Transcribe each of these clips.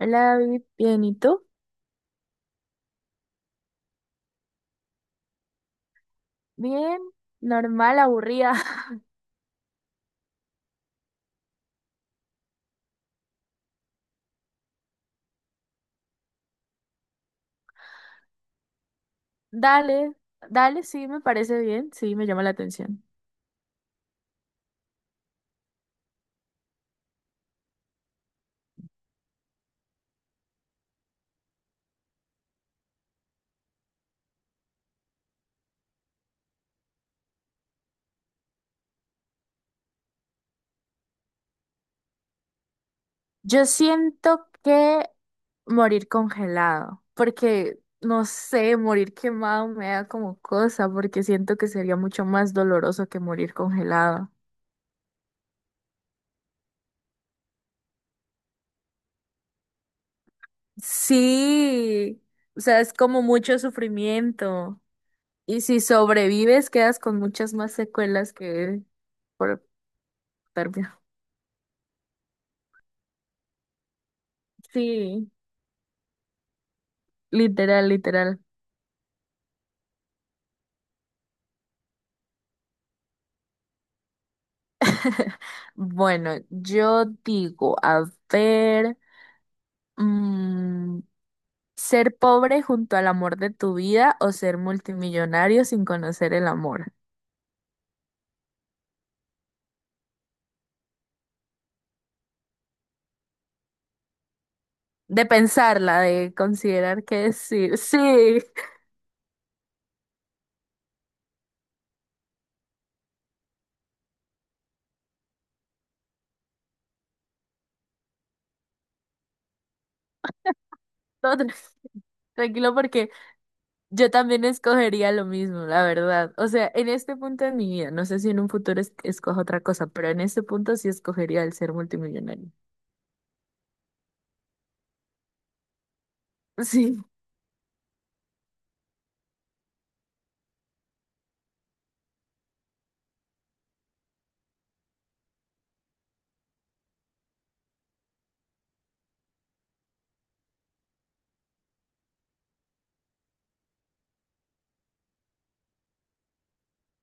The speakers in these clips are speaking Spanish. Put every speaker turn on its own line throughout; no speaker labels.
Hola David, bien, ¿y tú? Bien, normal, aburrida. Dale, dale, sí, me parece bien, sí, me llama la atención. Yo siento que morir congelado, porque no sé, morir quemado me da como cosa, porque siento que sería mucho más doloroso que morir congelado. Sí, o sea, es como mucho sufrimiento. Y si sobrevives, quedas con muchas más secuelas que por hipotermia. Sí. Literal, literal. Bueno, yo digo, a ver, mm, ser pobre junto al amor de tu vida o ser multimillonario sin conocer el amor. De pensarla, de considerar qué decir. Sí, no, tranquilo porque yo también escogería lo mismo, la verdad. O sea, en este punto de mi vida, no sé si en un futuro escojo otra cosa, pero en este punto sí escogería el ser multimillonario. Sí.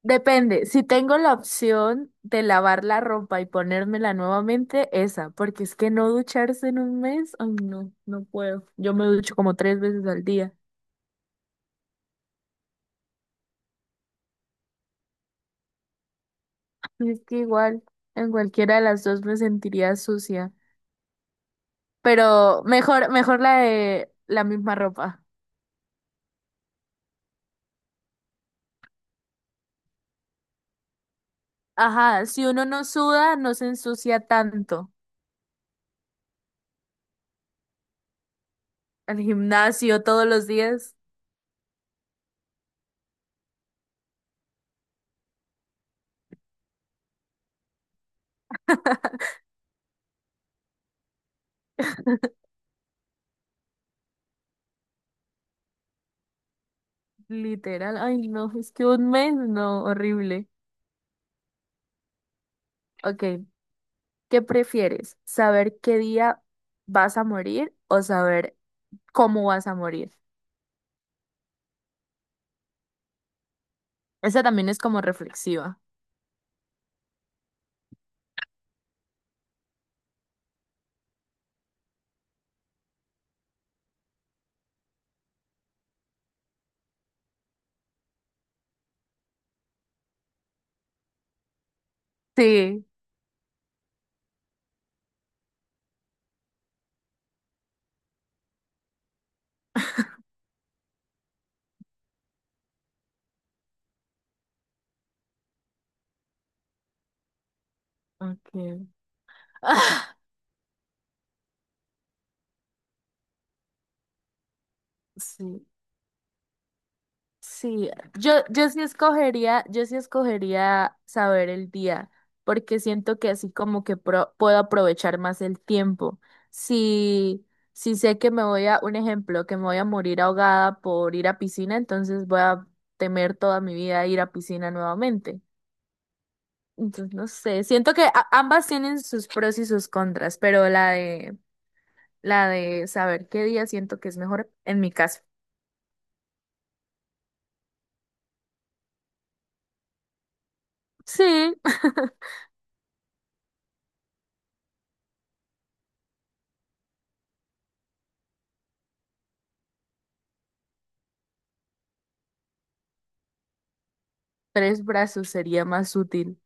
Depende, si tengo la opción de lavar la ropa y ponérmela nuevamente, esa, porque es que no ducharse en un mes, ay no, no puedo. Yo me ducho como tres veces al día. Y es que igual, en cualquiera de las dos me sentiría sucia. Pero mejor, mejor la de la misma ropa. Ajá, si uno no suda, no se ensucia tanto. Al gimnasio todos los días. Literal, ay no, es que un mes, no, horrible. Ok, ¿qué prefieres? ¿Saber qué día vas a morir o saber cómo vas a morir? Esa también es como reflexiva. Sí. Okay. Sí, sí. Yo, yo sí escogería saber el día, porque siento que así como que puedo aprovechar más el tiempo. Si, si sé que me voy a, un ejemplo, que me voy a morir ahogada por ir a piscina, entonces voy a temer toda mi vida ir a piscina nuevamente. Entonces, no sé, siento que ambas tienen sus pros y sus contras, pero la de saber qué día siento que es mejor en mi caso. Sí, tres brazos sería más útil.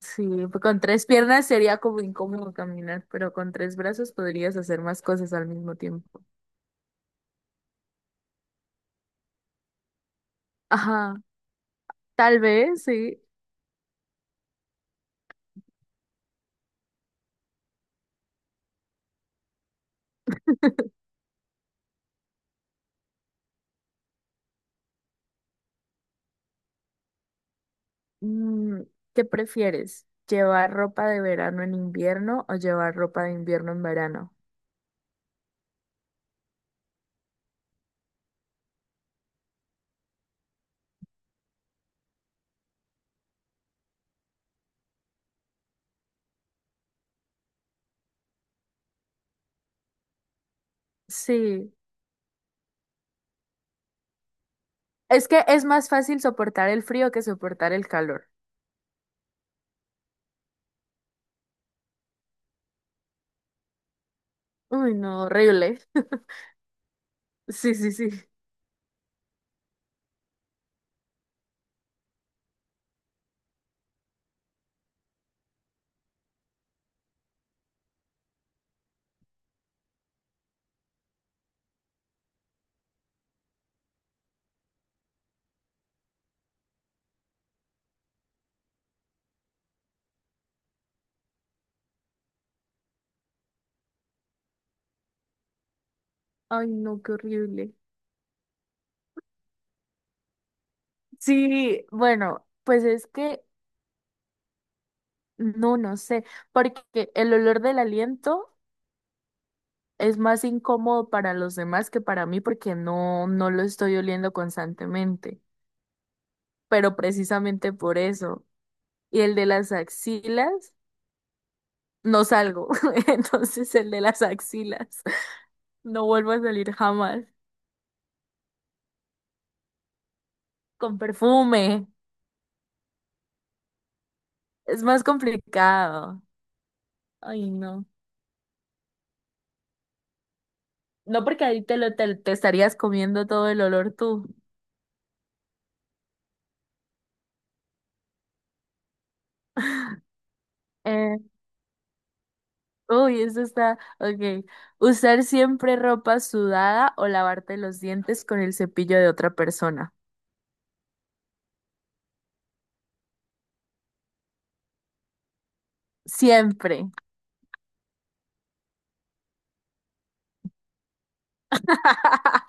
Sí, con tres piernas sería como incómodo caminar, pero con tres brazos podrías hacer más cosas al mismo tiempo. Ajá, tal vez, sí. Mm, ¿qué prefieres? ¿Llevar ropa de verano en invierno o llevar ropa de invierno en verano? Sí. Es que es más fácil soportar el frío que soportar el calor. Uy, no, horrible. Sí, sí, sí. Ay, no, qué horrible. Sí, bueno, pues es que no, no sé, porque el olor del aliento es más incómodo para los demás que para mí porque no, no lo estoy oliendo constantemente, pero precisamente por eso. Y el de las axilas, no salgo, entonces el de las axilas, no vuelvo a salir jamás con perfume. Es más complicado. Ay, no. No porque ahí te estarías comiendo todo el olor tú. Eh, uy, eso está. Ok. Usar siempre ropa sudada o lavarte los dientes con el cepillo de otra persona. Siempre.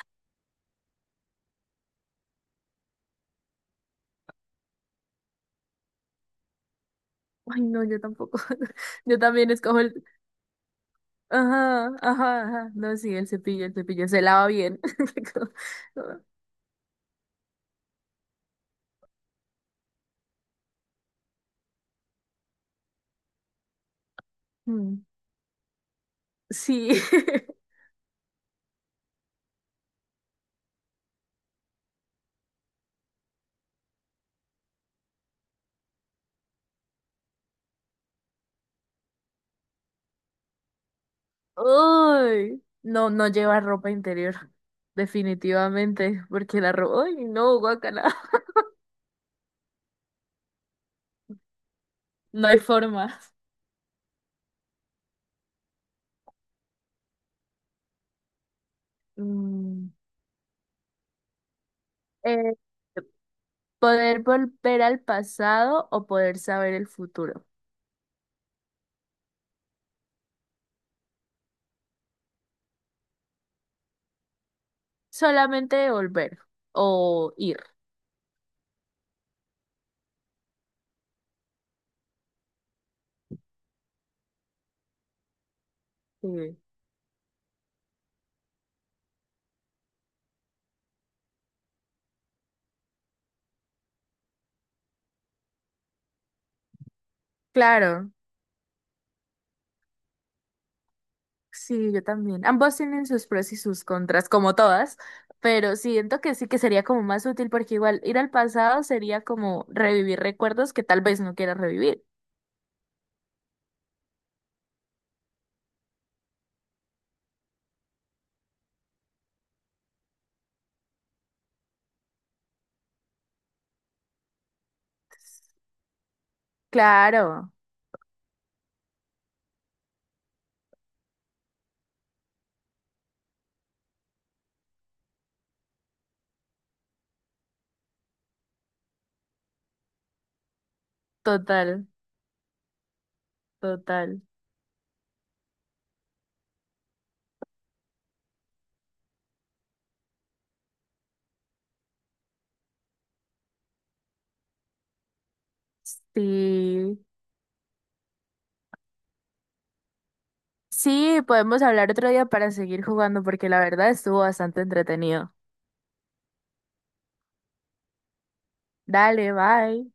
Ay, no, yo tampoco. Yo también escojo el. Ajá, ajá, ajá. No, sí, el cepillo se lava bien. Mm, sí. Uy, no, no lleva ropa interior, definitivamente, porque la ropa, uy, no, guacala, no hay forma. Mm, eh, poder volver al pasado o poder saber el futuro. Solamente volver o ir. Sí. Claro, sí, yo también. Ambos tienen sus pros y sus contras, como todas, pero siento que sí que sería como más útil porque igual ir al pasado sería como revivir recuerdos que tal vez no quiera revivir. Claro. Total, total. Sí, sí, podemos hablar otro día para seguir jugando porque la verdad estuvo bastante entretenido. Dale, bye.